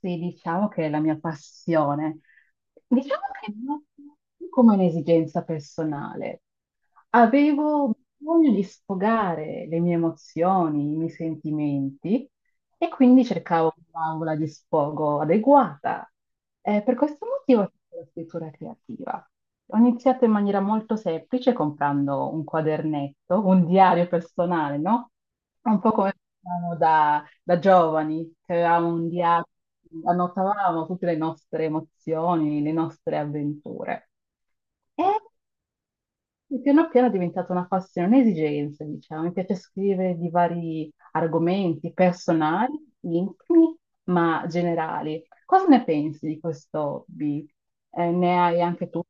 Sì, diciamo che è la mia passione. Diciamo che non come un'esigenza personale. Avevo bisogno di sfogare le mie emozioni, i miei sentimenti e quindi cercavo un'aula di sfogo adeguata. Per questo motivo ho fatto la scrittura creativa. Ho iniziato in maniera molto semplice comprando un quadernetto, un diario personale, no? Un po' come facciamo da giovani, che avevamo un diario, annotavamo tutte le nostre emozioni, le nostre avventure. E piano piano è diventata una passione, un'esigenza, diciamo. Mi piace scrivere di vari argomenti personali, intimi, ma generali. Cosa ne pensi di questo hobby? Ne hai anche tu?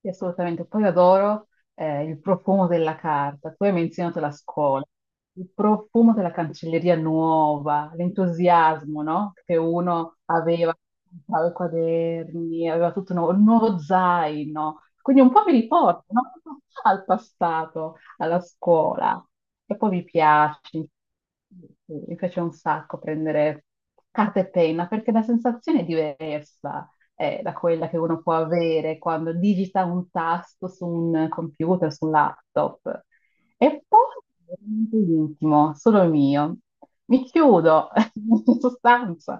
Sì, assolutamente. Poi adoro il profumo della carta. Tu hai menzionato la scuola, il profumo della cancelleria nuova, l'entusiasmo, no? Che uno aveva, aveva i quaderni, aveva tutto nuovo, un nuovo zaino. Quindi un po' mi riporta, no? Al passato, alla scuola. E poi mi piace un sacco prendere carta e penna perché la sensazione è diversa da quella che uno può avere quando digita un tasto su un computer, su un laptop. E poi veramente intimo, solo il mio. Mi chiudo in sostanza,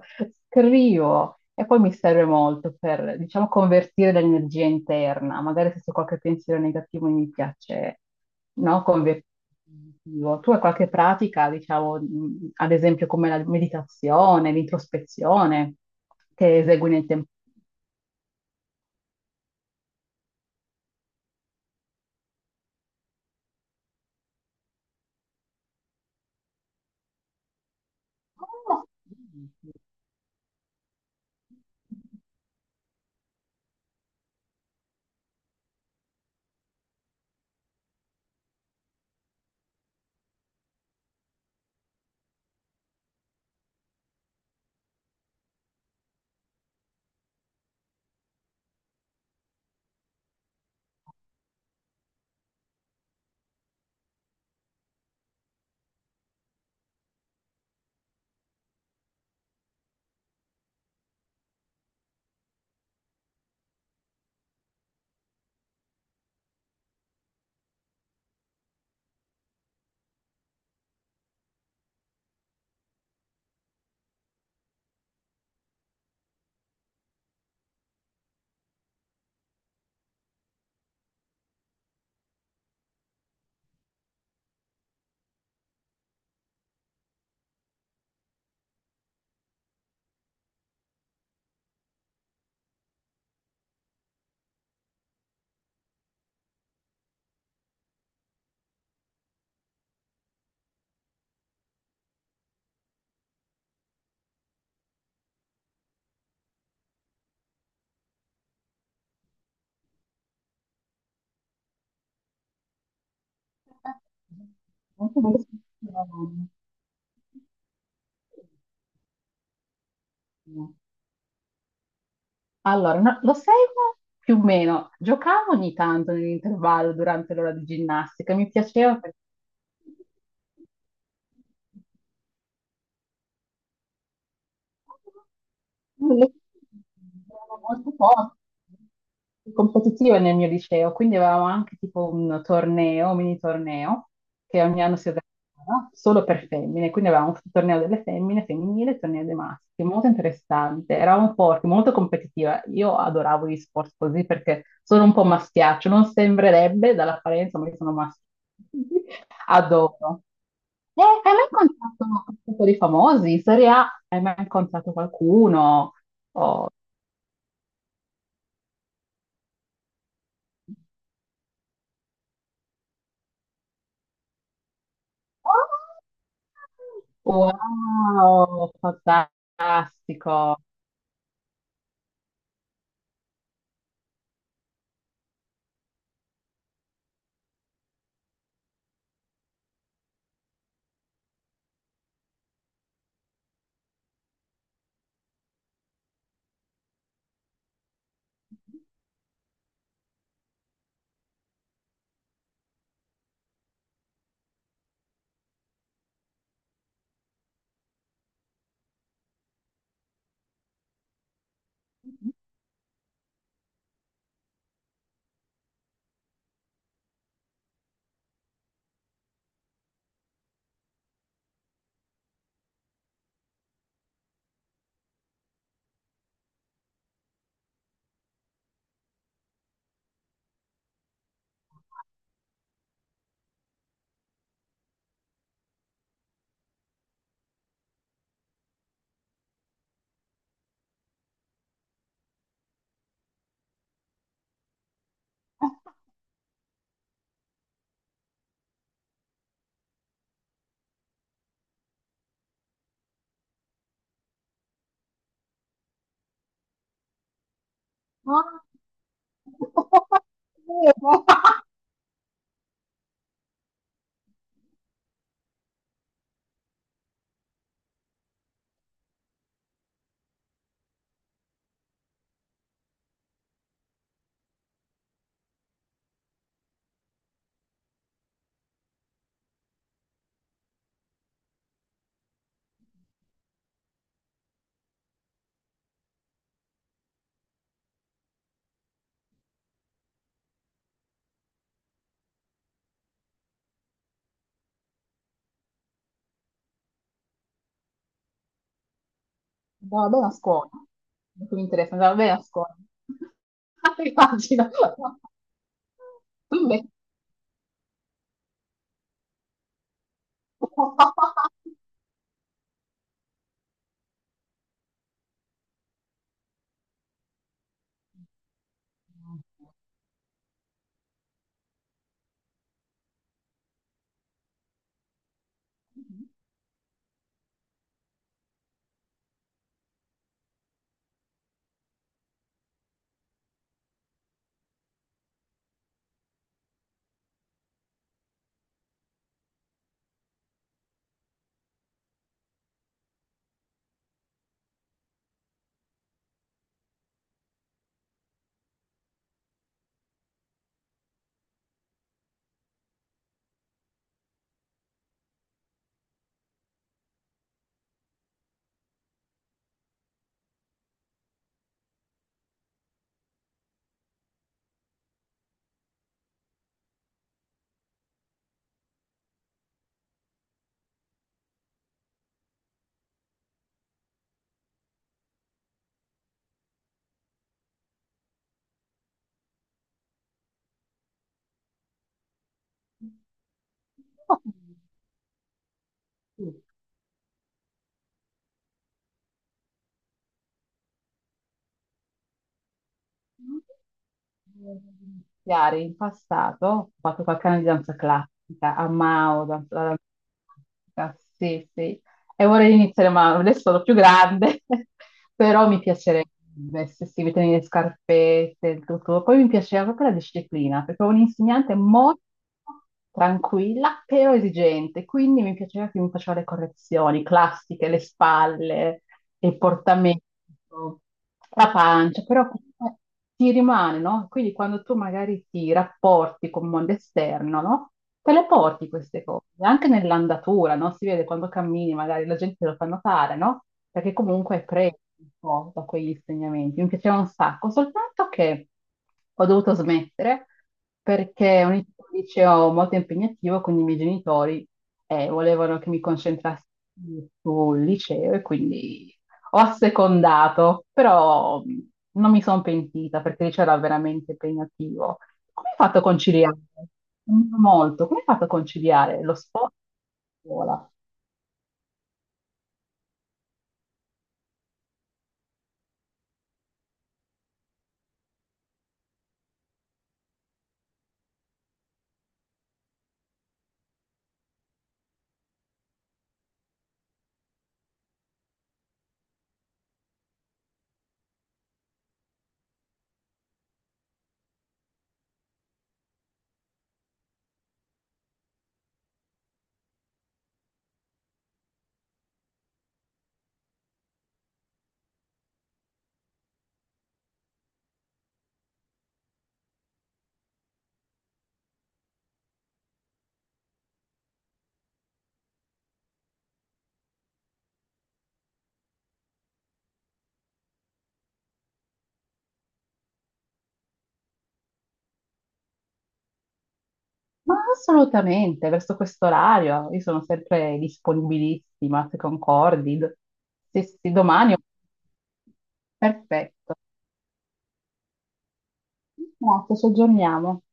scrivo e poi mi serve molto per, diciamo, convertire l'energia interna. Magari se c'è qualche pensiero negativo mi piace, no? Convertire in positivo. Tu hai qualche pratica, diciamo, ad esempio come la meditazione, l'introspezione, che esegui nel tempo? Ah, sì, sì. Molto bello. Allora, lo seguo più o meno. Giocavo ogni tanto nell'intervallo durante l'ora di ginnastica, mi piaceva perché... Le- Erano molto poche, competitive nel mio liceo, quindi avevamo anche tipo un torneo, un mini torneo, che ogni anno si organizzava solo per femmine, quindi avevamo il torneo delle femmine, femminile, e il torneo dei maschi, molto interessante, eravamo forti, molto competitiva. Io adoravo gli sport così perché sono un po' maschiaccio, non sembrerebbe dall'apparenza, ma io sono maschio. Adoro. Hai mai incontrato un po' di famosi? In Serie A hai mai incontrato qualcuno? Wow, wow, fantastico. Ah. Andava bene a scuola. Non mi interessa, andava bene a scuola. Immagino. Tu invece. Iniziare in passato, ho fatto qualche anno di danza classica, a Mao, danza, la danza classica, sì, sì, e vorrei iniziare, ma adesso sono più grande, però mi piacerebbe, se si mettono le scarpette, il tutto. Poi mi piaceva proprio la disciplina, perché ho un'insegnante molto tranquilla, però esigente, quindi mi piaceva che mi faceva le correzioni classiche, le spalle, il portamento, la pancia, però ti rimane, no? Quindi quando tu magari ti rapporti con il mondo esterno, no? Te le porti queste cose, anche nell'andatura, no? Si vede quando cammini, magari la gente te lo fa notare, no? Perché comunque è preso un po' da quegli insegnamenti. Mi piaceva un sacco, soltanto che ho dovuto smettere perché è un liceo molto impegnativo, quindi i miei genitori volevano che mi concentrassi sul liceo e quindi ho assecondato, però non mi sono pentita perché lì c'era veramente impegnativo. Come hai fatto a conciliare? Come hai fatto a conciliare lo sport e la scuola? Ma assolutamente, verso questo orario, io sono sempre disponibilissima, se concordi. Se domani... Perfetto. Grazie, ci aggiorniamo.